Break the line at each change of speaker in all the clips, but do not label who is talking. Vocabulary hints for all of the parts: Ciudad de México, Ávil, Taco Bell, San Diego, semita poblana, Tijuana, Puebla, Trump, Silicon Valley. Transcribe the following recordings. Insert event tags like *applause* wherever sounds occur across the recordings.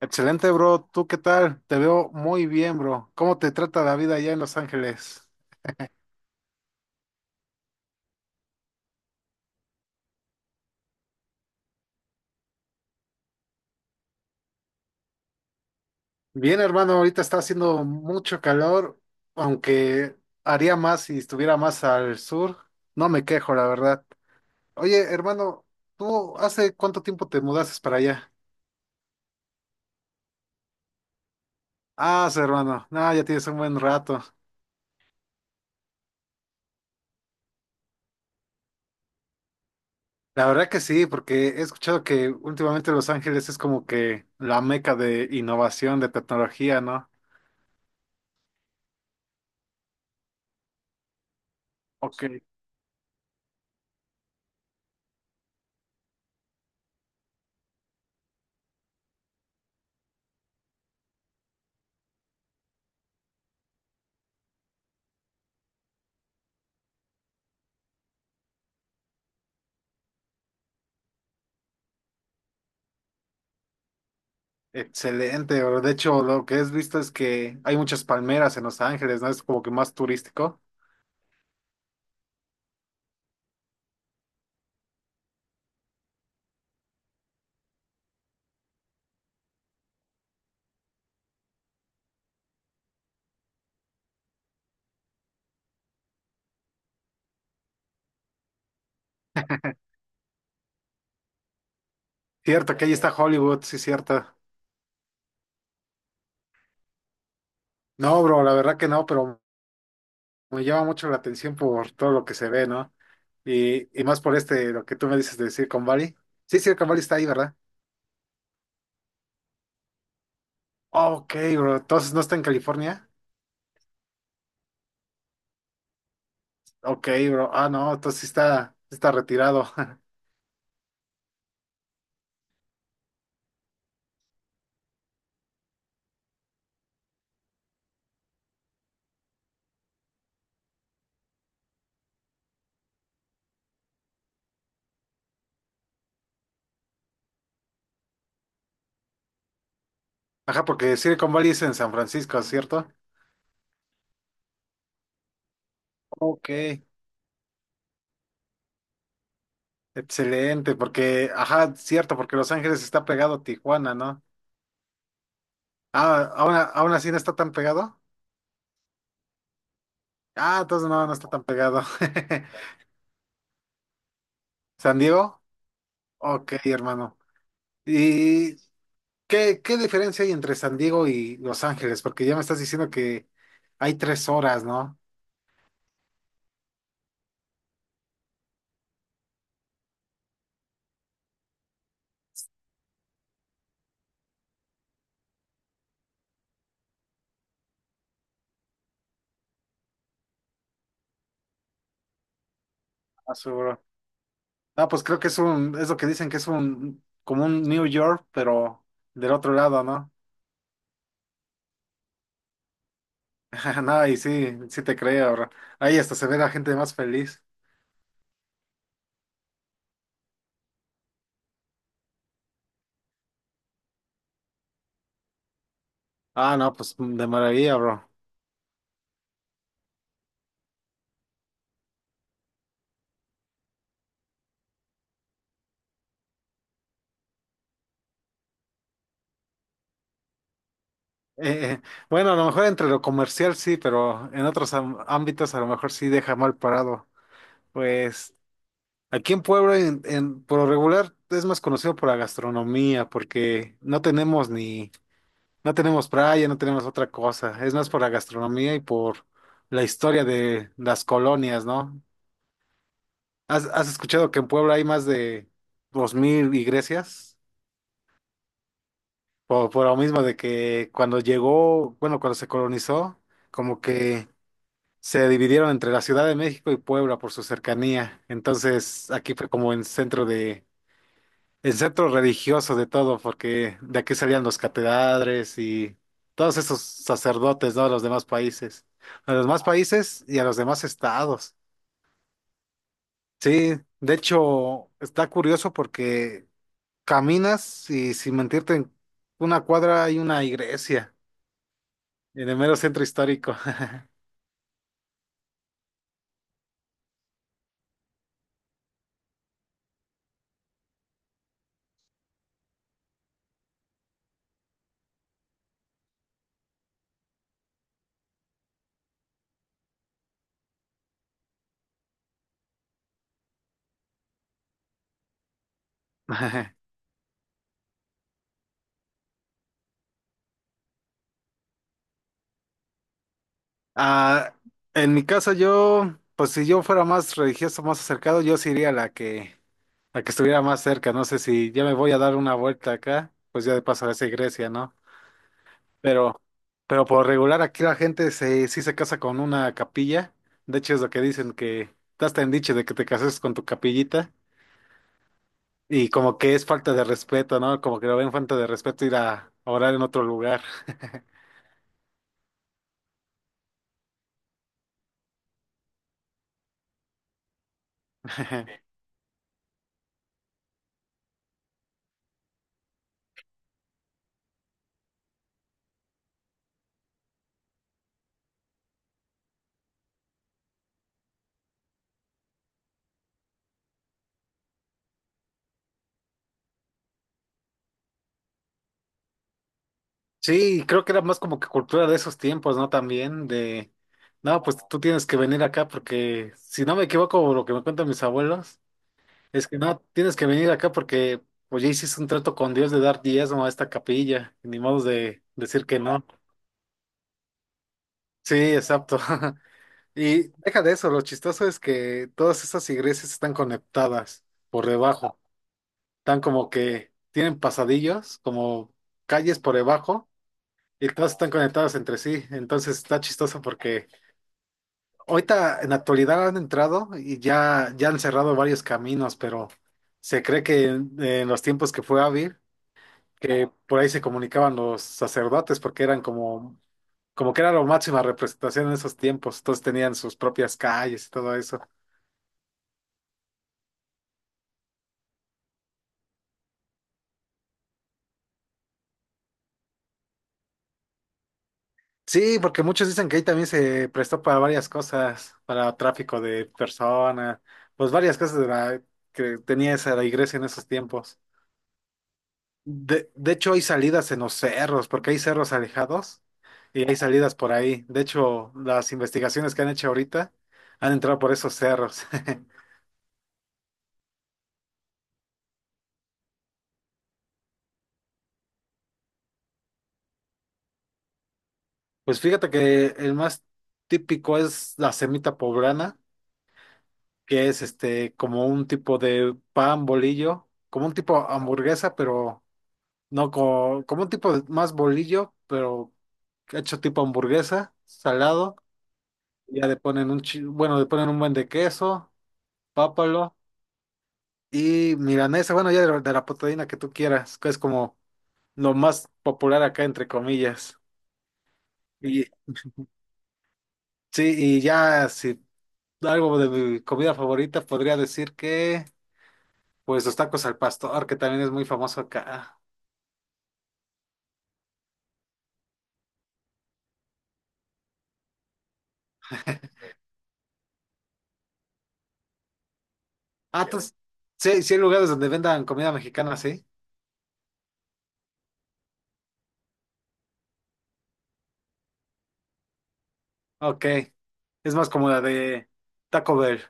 Excelente, bro. ¿Tú qué tal? Te veo muy bien, bro. ¿Cómo te trata la vida allá en Los Ángeles? Bien, hermano, ahorita está haciendo mucho calor, aunque haría más si estuviera más al sur. No me quejo, la verdad. Oye, hermano, ¿tú hace cuánto tiempo te mudaste para allá? Ah, sí, hermano, no, ya tienes un buen rato. La verdad que sí, porque he escuchado que últimamente Los Ángeles es como que la meca de innovación, de tecnología, ¿no? Ok. Excelente, bro. De hecho, lo que has visto es que hay muchas palmeras en Los Ángeles, ¿no? Es como que más turístico. Cierto, que ahí está Hollywood, sí, cierto. No, bro, la verdad que no, pero me llama mucho la atención por todo lo que se ve, ¿no? Y más por este, lo que tú me dices de Silicon Valley. Sí, Silicon Valley está ahí, ¿verdad? Ok, bro. Entonces, ¿no está en California? Ok, bro. Ah, no, entonces sí está retirado. *laughs* Ajá, porque Silicon Valley es en San Francisco, ¿cierto? Ok. Excelente, porque, ajá, cierto, porque Los Ángeles está pegado a Tijuana, ¿no? Ah, aún así no está tan pegado. Ah, entonces no, no está tan pegado. *laughs* ¿San Diego? Ok, hermano. ¿Y qué diferencia hay entre San Diego y Los Ángeles? Porque ya me estás diciendo que hay 3 horas, ¿no? Ah, seguro. Ah, pues creo que es es lo que dicen que es un, como un New York, pero del otro lado, ¿no? *laughs* No, y sí, sí te creo, bro. Ahí hasta se ve la gente más feliz. Ah, no, pues mm, de maravilla, bro. Eh, eh, bueno, a lo mejor entre lo comercial sí, pero en otros ámbitos a lo mejor sí deja mal parado. Pues aquí en Puebla, por lo regular, es más conocido por la gastronomía, porque no tenemos ni, no tenemos playa, no tenemos otra cosa. Es más por la gastronomía y por la historia de las colonias, ¿no? ¿Has escuchado que en Puebla hay más de 2,000 iglesias? Por lo mismo de que cuando llegó, bueno, cuando se colonizó, como que se dividieron entre la Ciudad de México y Puebla por su cercanía. Entonces, aquí fue como el centro religioso de todo, porque de aquí salían los catedrales y todos esos sacerdotes, ¿no? De los demás países. A los demás países y a los demás estados. Sí, de hecho, está curioso porque caminas y sin mentirte, en una cuadra hay una iglesia. En el mero centro histórico. *laughs* Ah, en mi caso, yo, pues si yo fuera más religioso, más acercado, yo sí iría a la que estuviera más cerca. No sé si ya me voy a dar una vuelta acá, pues ya de paso a esa iglesia, ¿no? Pero, pero por regular aquí la gente se, sí se casa con una capilla. De hecho, es lo que dicen que te hasta en dicho de que te cases con tu capillita. Y como que es falta de respeto, ¿no? Como que lo ven falta de respeto ir a orar en otro lugar. *laughs* Sí, creo que era más como que cultura de esos tiempos, ¿no? También de, no, pues tú tienes que venir acá porque, si no me equivoco, lo que me cuentan mis abuelos, es que no, tienes que venir acá porque, pues ya hiciste un trato con Dios de dar diezmo a esta capilla, y ni modo de decir que no. Sí, exacto. *laughs* Y deja de eso, lo chistoso es que todas estas iglesias están conectadas por debajo, están como que tienen pasadillos, como calles por debajo. Y todos están conectados entre sí, entonces está chistoso porque ahorita en la actualidad han entrado y ya han cerrado varios caminos, pero se cree que en los tiempos que fue Ávil, que por ahí se comunicaban los sacerdotes porque eran como, como que era la máxima representación en esos tiempos, todos tenían sus propias calles y todo eso. Sí, porque muchos dicen que ahí también se prestó para varias cosas, para tráfico de personas, pues varias cosas de la, que tenía esa la iglesia en esos tiempos. De hecho, hay salidas en los cerros, porque hay cerros alejados y hay salidas por ahí. De hecho, las investigaciones que han hecho ahorita han entrado por esos cerros. *laughs* Pues fíjate que el más típico es la semita poblana, que es este como un tipo de pan bolillo, como un tipo hamburguesa, pero no co- como, un más bolillo, pero hecho tipo hamburguesa, salado. Ya le ponen un bueno, le ponen un buen de queso, pápalo. Y milanesa, bueno, ya de la proteína que tú quieras, que es como lo más popular acá, entre comillas. Y sí, y ya si algo de mi comida favorita podría decir que, pues los tacos al pastor, que también es muy famoso acá. Ah, entonces, sí, sí hay lugares donde vendan comida mexicana, ¿sí? Ok. Es más como la de Taco Bell.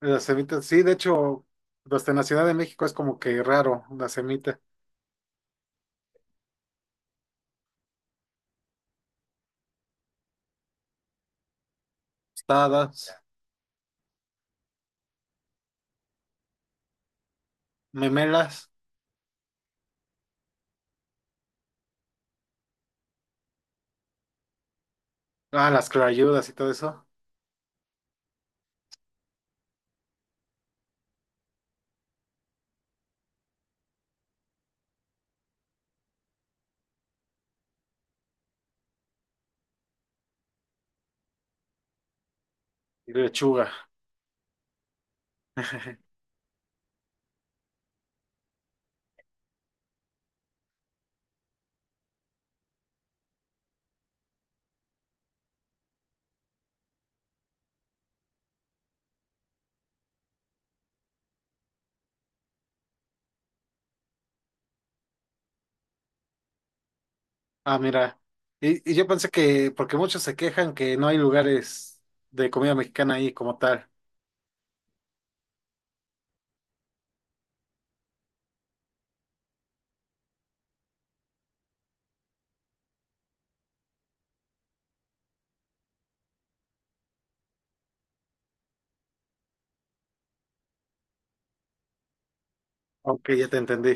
La semita, sí, de hecho, hasta en la Ciudad de México es como que raro, la semita. Tostadas, memelas, ah, las clayudas y todo eso. Lechuga. *laughs* Ah, mira. Y yo pensé que, porque muchos se quejan que no hay lugares de comida mexicana ahí como tal. Ok, ya te entendí.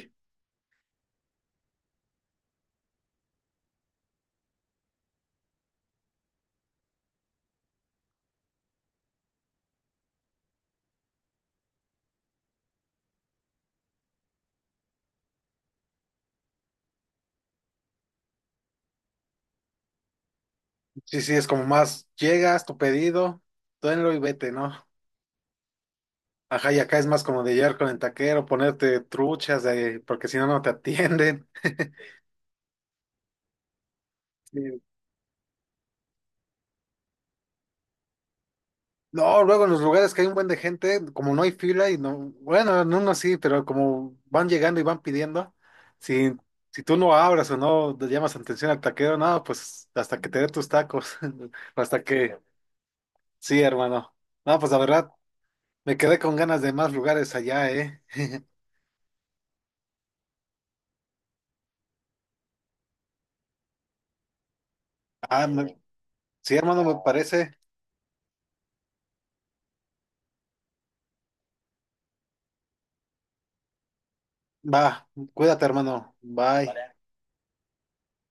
Sí, sí, es como más, llegas, tu pedido, tenlo y vete, ¿no? Ajá, y acá es más como de llegar con el taquero, ponerte truchas, de, porque si no, no te atienden. *laughs* Sí, no, luego en los lugares que hay un buen de gente, como no hay fila y no, bueno, en uno sí, pero como van llegando y van pidiendo, si, si tú no abras o no le llamas atención al taquero, no, pues hasta que te dé tus tacos, *laughs* hasta que, sí, hermano. No, pues la verdad, me quedé con ganas de más lugares allá, ¿eh? *laughs* Ah, sí, hermano, me parece. Va, cuídate, hermano. Bye.